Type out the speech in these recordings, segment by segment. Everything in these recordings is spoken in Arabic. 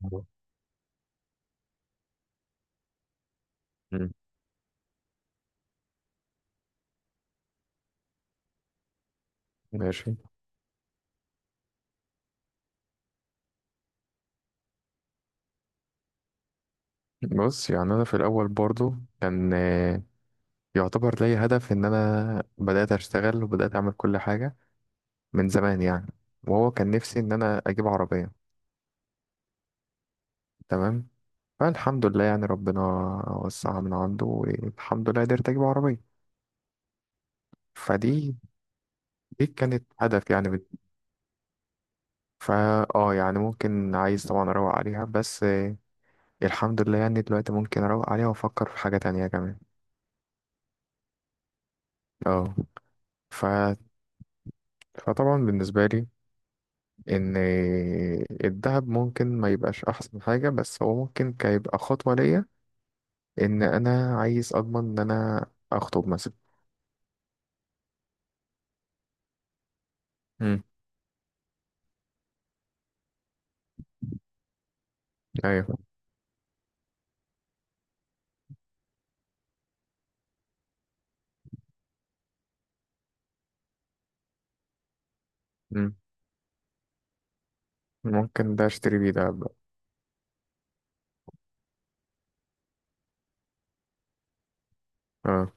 مم. ماشي. بص، يعني انا في الاول برضو كان يعتبر لي هدف ان انا بدات اشتغل وبدات اعمل كل حاجه من زمان يعني، وهو كان نفسي ان انا اجيب عربيه. تمام. فالحمد لله، يعني ربنا وسعها من عنده، والحمد لله قدرت اجيب عربيه. فدي كانت هدف يعني بت- فا اه يعني ممكن عايز طبعا اروق عليها، بس الحمد لله يعني دلوقتي ممكن اروق عليها وافكر في حاجه تانية كمان. اه ف... فطبعا بالنسبه لي ان الذهب ممكن ما يبقاش احسن حاجة، بس هو ممكن كيبقى خطوة ليا ان انا عايز اضمن ان انا اخطب مثلا. امم. ايوه. امم. ممكن ده اشتري بيه دهب بقى. اه.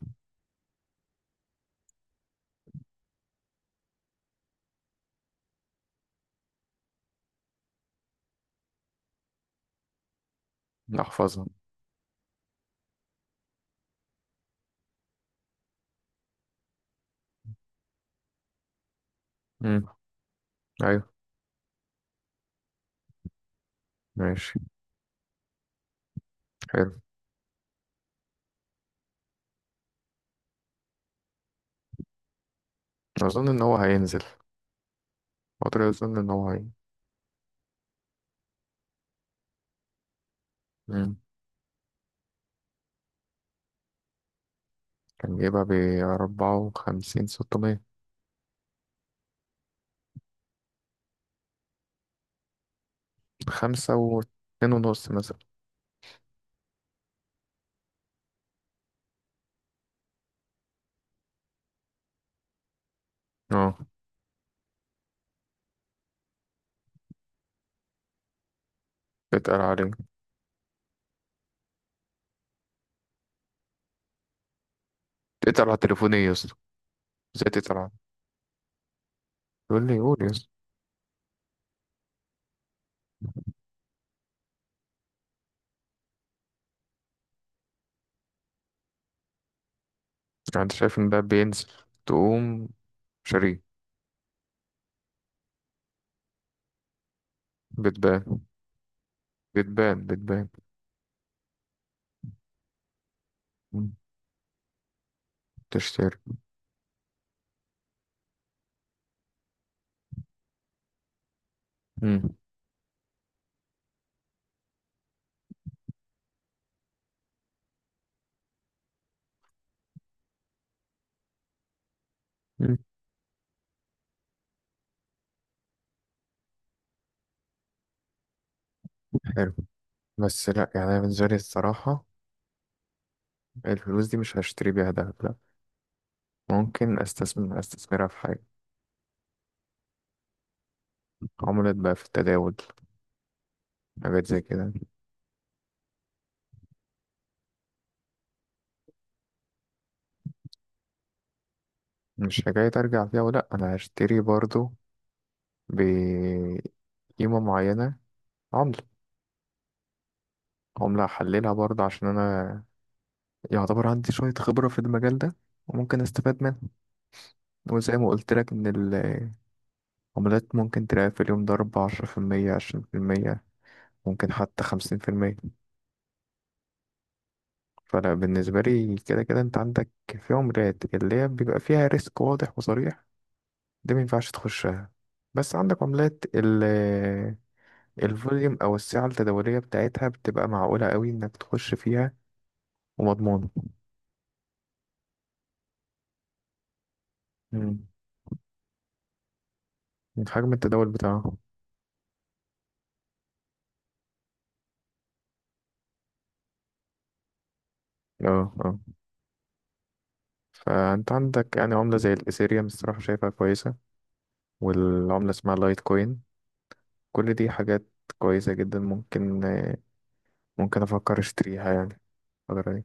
احفظها. امم. ايوه. ماشي. حلو. اظن ان هو هينزل فترة، اظن ان هو هي. امم. كان جايبها بـ54,600. خمسة واتنين ونص مثلا. اه. اتقل عليه. اتقل على تليفوني يا اسطى. ازاي تتقل عليه؟ يقول لي قول يا اسطى. يعني انت شايف ان ده بينزل تقوم شاريه؟ بتبان بتبان. بتبان. مم. تشتري. مم. مم. حلو. بس لا، يعني أنا بالنسبة لي الصراحة الفلوس دي مش هشتري بيها دهب لا، ممكن استثمرها في حاجة. عملت بقى في التداول حاجات زي كده. مش حكاية ارجع فيها، ولا انا هشتري برضو بقيمة معينة. عملة عملة هحللها برضه عشان انا يعتبر عندي شوية خبرة في المجال ده، وممكن استفاد منها. وزي ما قلت لك ان عملات ممكن تلاقي في اليوم ضرب 10%، 20%، ممكن حتى 50%. فلا، بالنسبة لي كده كده انت عندك في عملات اللي هي بيبقى فيها ريسك واضح وصريح، دي مينفعش تخشها. بس عندك عملات ال آه، الفوليوم أو السعة التداولية بتاعتها بتبقى معقولة قوي إنك تخش فيها ومضمونة. مم. من حجم التداول بتاعها. اه اه. فأنت عندك يعني عملة زي الإيثيريوم الصراحة شايفها كويسة، والعملة اسمها لايت كوين. كل دي حاجات كويسة جدا، ممكن أفكر أشتريها يعني الفترة دي.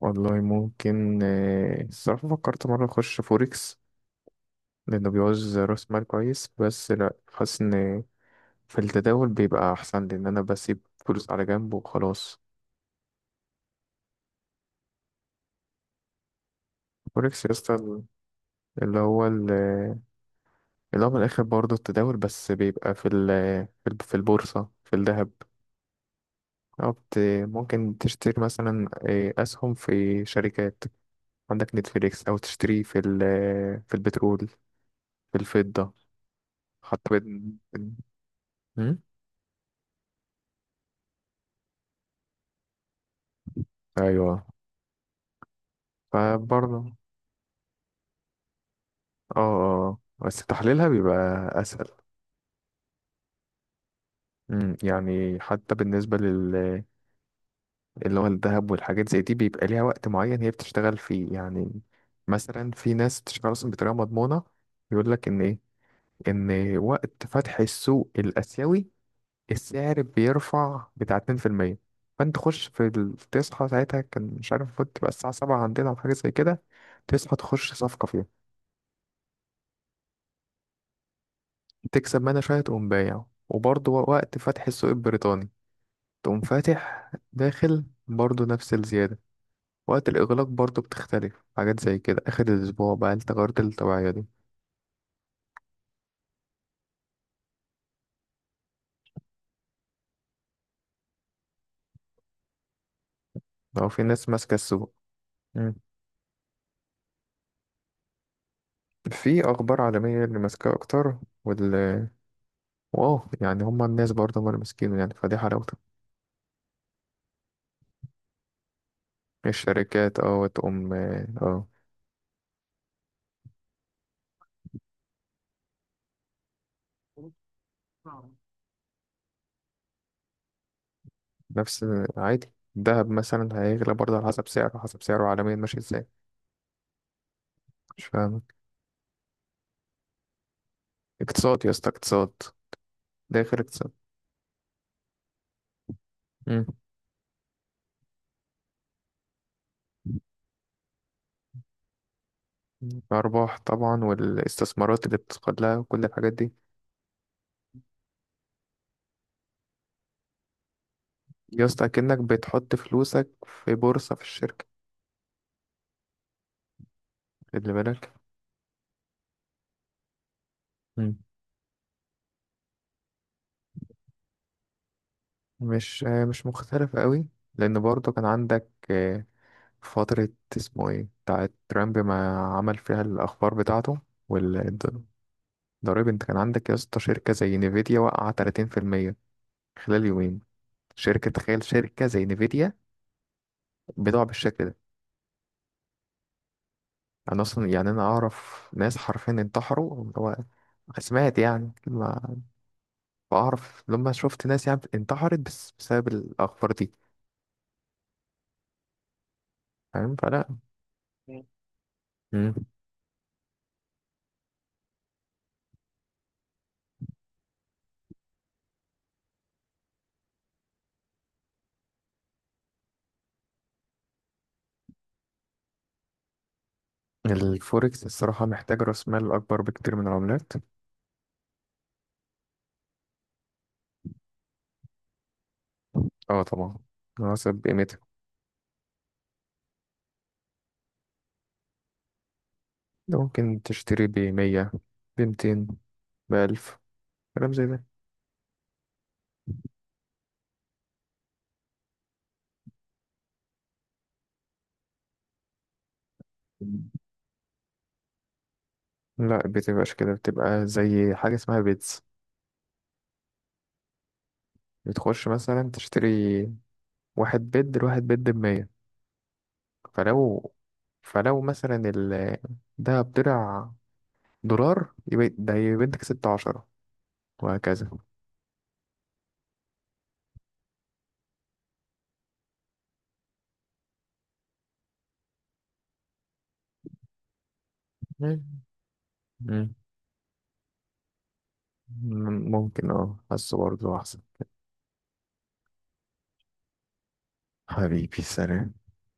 والله ممكن الصراحة فكرت مرة أخش فوركس لأنه بيعوز رأس مال كويس، بس لأ، حاسس إن في التداول بيبقى أحسن لأن أنا بسيب فلوس على جنب وخلاص. فوركس يا اسطى اللي هو ال- اللي هو من الآخر برضه التداول، بس بيبقى في البورصة في الذهب. أو بت- ممكن تشتري مثلا أسهم في شركات، عندك نتفليكس، او تشتريه في البترول، في الفضة. حتى م? ايوه. فبرضه اه بس تحليلها بيبقى اسهل. يعني حتى بالنسبة اللي هو الذهب والحاجات زي دي بيبقى ليها وقت معين هي بتشتغل فيه يعني. مثلا في ناس بتشتغل اصلا بطريقة مضمونة، يقول لك ان ايه، ان وقت فتح السوق الاسيوي السعر بيرفع بتاع 2%، فانت تخش تصحى ساعتها كان مش عارف المفروض تبقى الساعة سبعة عندنا أو حاجة زي كده، تصحى تخش صفقة فيها، تكسب منها شوية، تقوم بايع. وبرضه وقت فتح السوق البريطاني تقوم فاتح داخل برضه نفس الزيادة. وقت الإغلاق برضه بتختلف، حاجات زي كده آخر الأسبوع بقى التغيرات الطبيعية دي. لو في ناس ماسكة السوق. مم. في أخبار عالمية اللي ماسكة أكتر، وال واو يعني هما الناس برضه هما اللي ماسكينه يعني، فدي حلاوة. الشركات وتقوم آه. نفس عادي. الذهب مثلا هيغلى برضه على حسب سعره، حسب سعره عالميا ماشي ازاي. مش فاهم. اقتصاد يا اسطى اقتصاد. داخل اقتصاد. مم. الأرباح طبعا، والاستثمارات اللي بتدخل لها، وكل الحاجات دي. يا اسطى أكنك بتحط فلوسك في بورصة في الشركة. خلي بالك. مم. مش مختلف قوي، لأن برضه كان عندك فترة اسمه ايه بتاعت ترامب ما عمل فيها الأخبار بتاعته. ضريب، انت كان عندك يا اسطى شركة زي نيفيديا وقع 30% خلال يومين. شركة، تخيل شركة زي نيفيديا بتقع بالشكل ده. انا اصلا يعني انا اعرف ناس حرفيا انتحروا، اللي هو سمعت يعني ما بعرف، لما شفت ناس يعني انتحرت بس بسبب الاخبار دي. فاهم، فلا. مم. مم. الفوركس الصراحة محتاج رأس مال أكبر بكتير من العملات. اه طبعا، على حسب قيمتها. ممكن تشتري بمية، بمتين، بألف، كلام زي ده. لا، بتبقاش كده، بتبقى زي حاجة اسمها بيتز. بتخش مثلا تشتري واحد بيد لواحد بيد بمية. فلو فلو مثلا ده بضلع دولار يبقى ده، يبقى انت كسبت عشرة، وهكذا. مم. مم. ممكن حاسه برضه أحسن. حبيبي سلام.